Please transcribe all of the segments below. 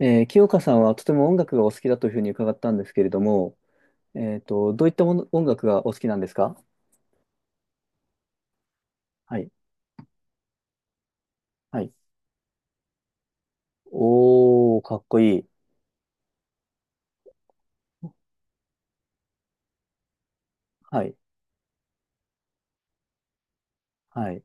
清香さんはとても音楽がお好きだというふうに伺ったんですけれども、どういったもの音楽がお好きなんですか？はい。はい。おー、かっこいい。はい。はい。い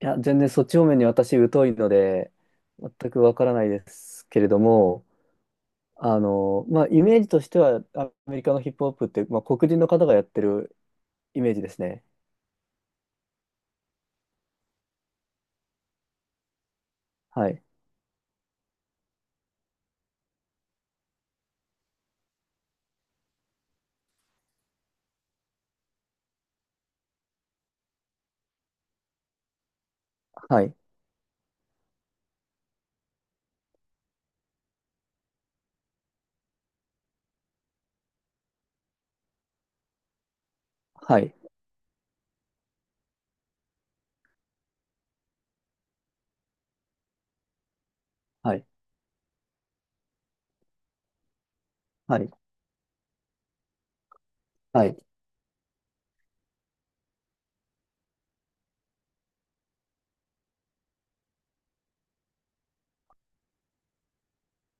や、全然そっち方面に私疎いので、全くわからないですけれども、あの、まあ、イメージとしては、アメリカのヒップホップって、まあ、黒人の方がやってるイメージですね。はい。はい。はい。はい。はい。はい。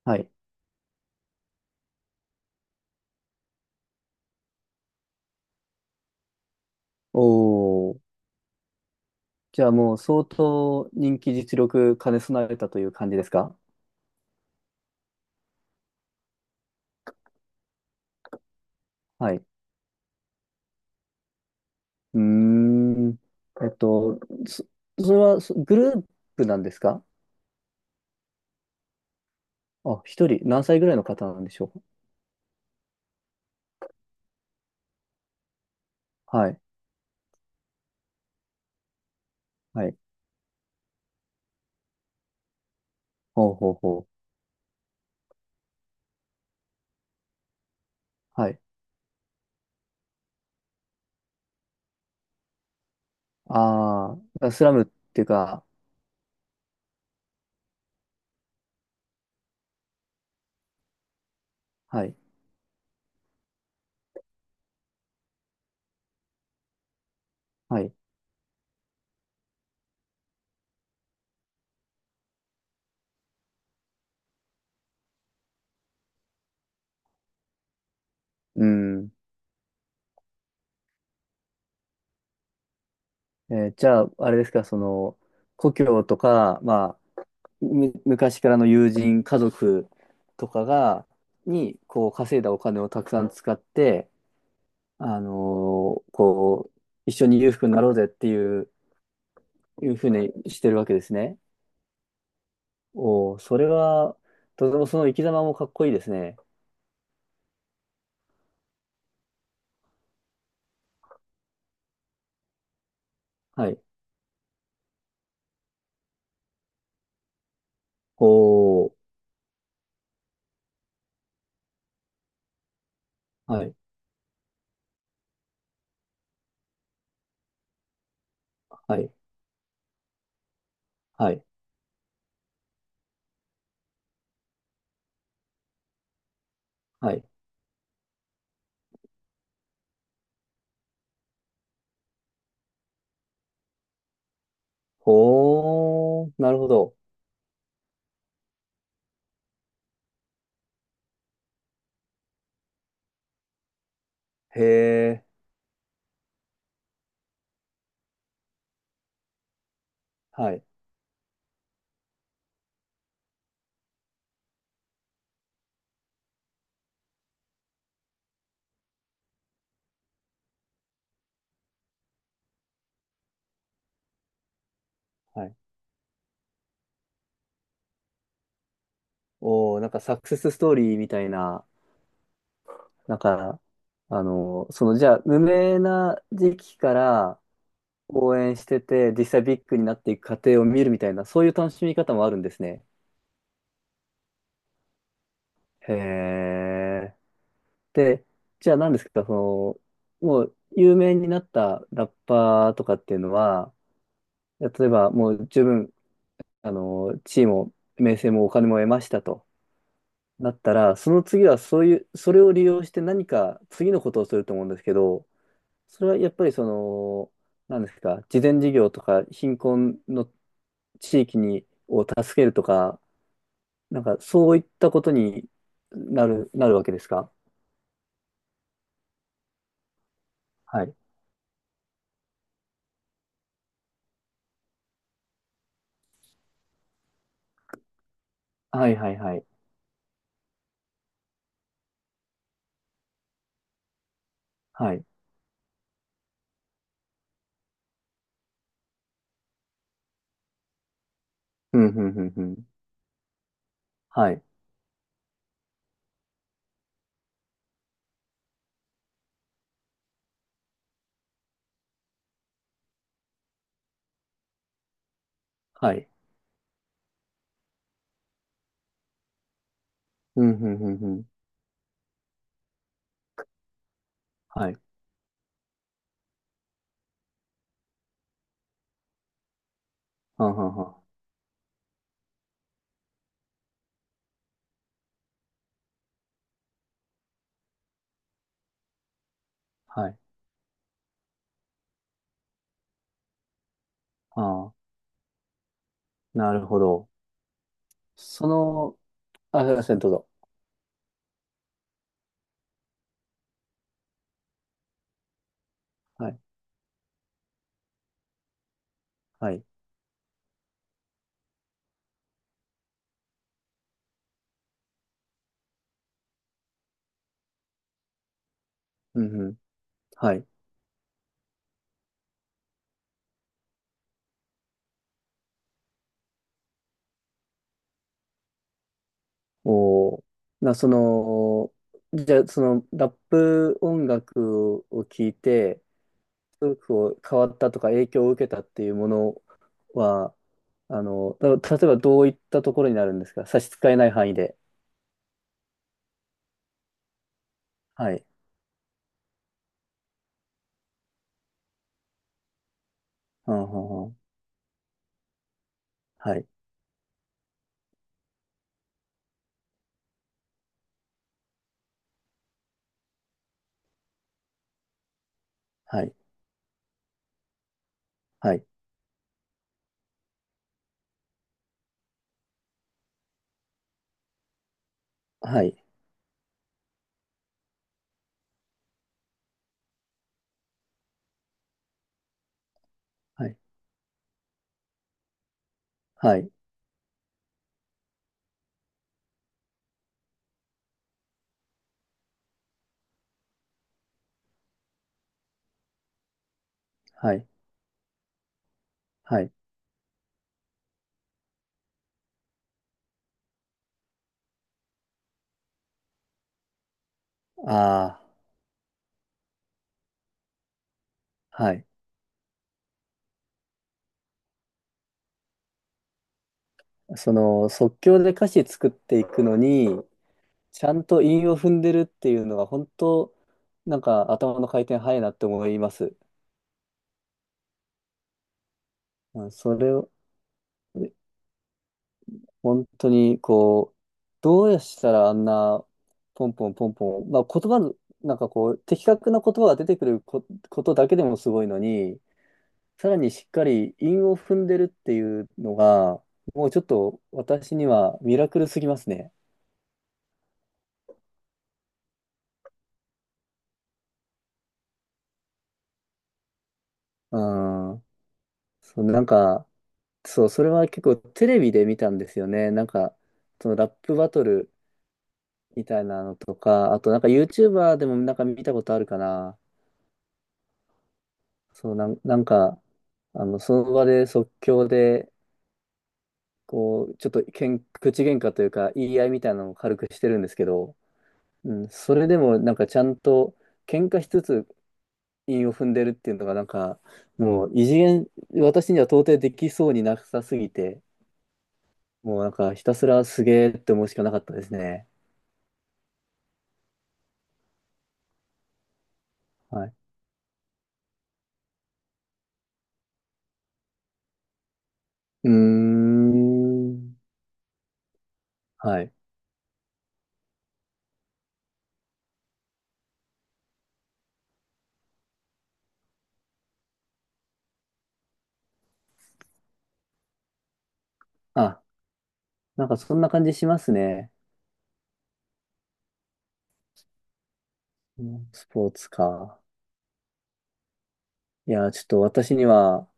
はい。おー。じゃあもう相当人気実力兼ね備えたという感じですか？はい。うーん。えっと、そ、それはグループなんですか？あ、一人、何歳ぐらいの方なんでしょうか？はい。はい。ほうほうほう。はい。ああ、スラムっていうか、はい。はい。うん。えー、じゃあ、あれですか、その、故郷とか、まあ、昔からの友人、家族とかが、に、こう、稼いだお金をたくさん使って、あのー、こう、一緒に裕福になろうぜっていう、いうふうにしてるわけですね。おお、それは、とてもその生き様もかっこいいですね。はい。おお、はい、はい、はい、はい。ほー、なるほど。へえ、はい、はい。おお、なんかサクセスストーリーみたいな、なんか、あのその、じゃあ、無名な時期から応援してて、実際ビッグになっていく過程を見るみたいな、そういう楽しみ方もあるんですね。へえ。で、じゃあ何ですか、その、もう有名になったラッパーとかっていうのは、例えばもう十分、あの、地位も名声もお金も得ましたとなったら、その次はそういう、それを利用して何か次のことをすると思うんですけど、それはやっぱりその、何ですか、慈善事業とか貧困の地域に、を助けるとか、なんかそういったことになるわけですか？はい。はいはいはい。はい。うん、うん、うん、うん。はい。はい。うん、うん、うん、うん。はい。はんはんはん。はい。ああ、なるほど。その、あ、すいません、どうぞ。はい。はい。うん、うん。はい。おー、な、その、じゃあ、その、ラップ音楽を聞いて、すごくこう変わったとか影響を受けたっていうものは、あの、た、例えばどういったところになるんですか、差し支えない範囲で。はい。はんはんはん。はい。はい。はい。はい、はい、はい、はい、はい。ああ、はい。その即興で歌詞作っていくのに、ちゃんと韻を踏んでるっていうのが本当、なんか頭の回転早いなって思います。うん、それを、え、本当にこう、どうしたらあんな、ポンポンポンポン、まあ言葉の、なんかこう、的確な言葉が出てくることだけでもすごいのに、さらにしっかり韻を踏んでるっていうのが、もうちょっと私にはミラクルすぎますね。うん。そう、なんか、そう、それは結構テレビで見たんですよね。なんか、そのラップバトルみたいなのとか、あとなんか YouTuber でもなんか見たことあるかな。そう、なんか、あの、その場で即興で、こう、ちょっと口喧嘩というか言い合いみたいなのを軽くしてるんですけど、うん、それでもなんかちゃんと、喧嘩しつつ韻を踏んでるっていうのがなんか、もう異次元、私には到底できそうになさすぎて、もうなんかひたすらすげーって思うしかなかったですね。はい。うーん。はい。あ、なんかそんな感じしますね。うん、スポーツか。いやー、ちょっと私には、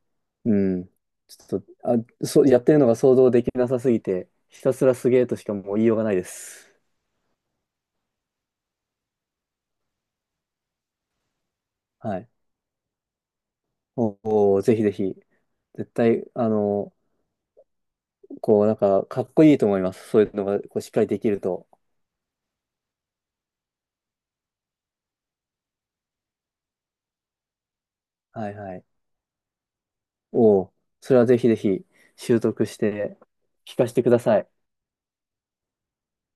うん。ちょっと、あ、そう、やってるのが想像できなさすぎて、ひたすらすげーとしかもう言いようがないです。はい。おお、ぜひぜひ。絶対、あの、こう、なんか、かっこいいと思います。そういうのが、こう、しっかりできると。はいはい。おお、それはぜひぜひ、習得して、聞かせてください。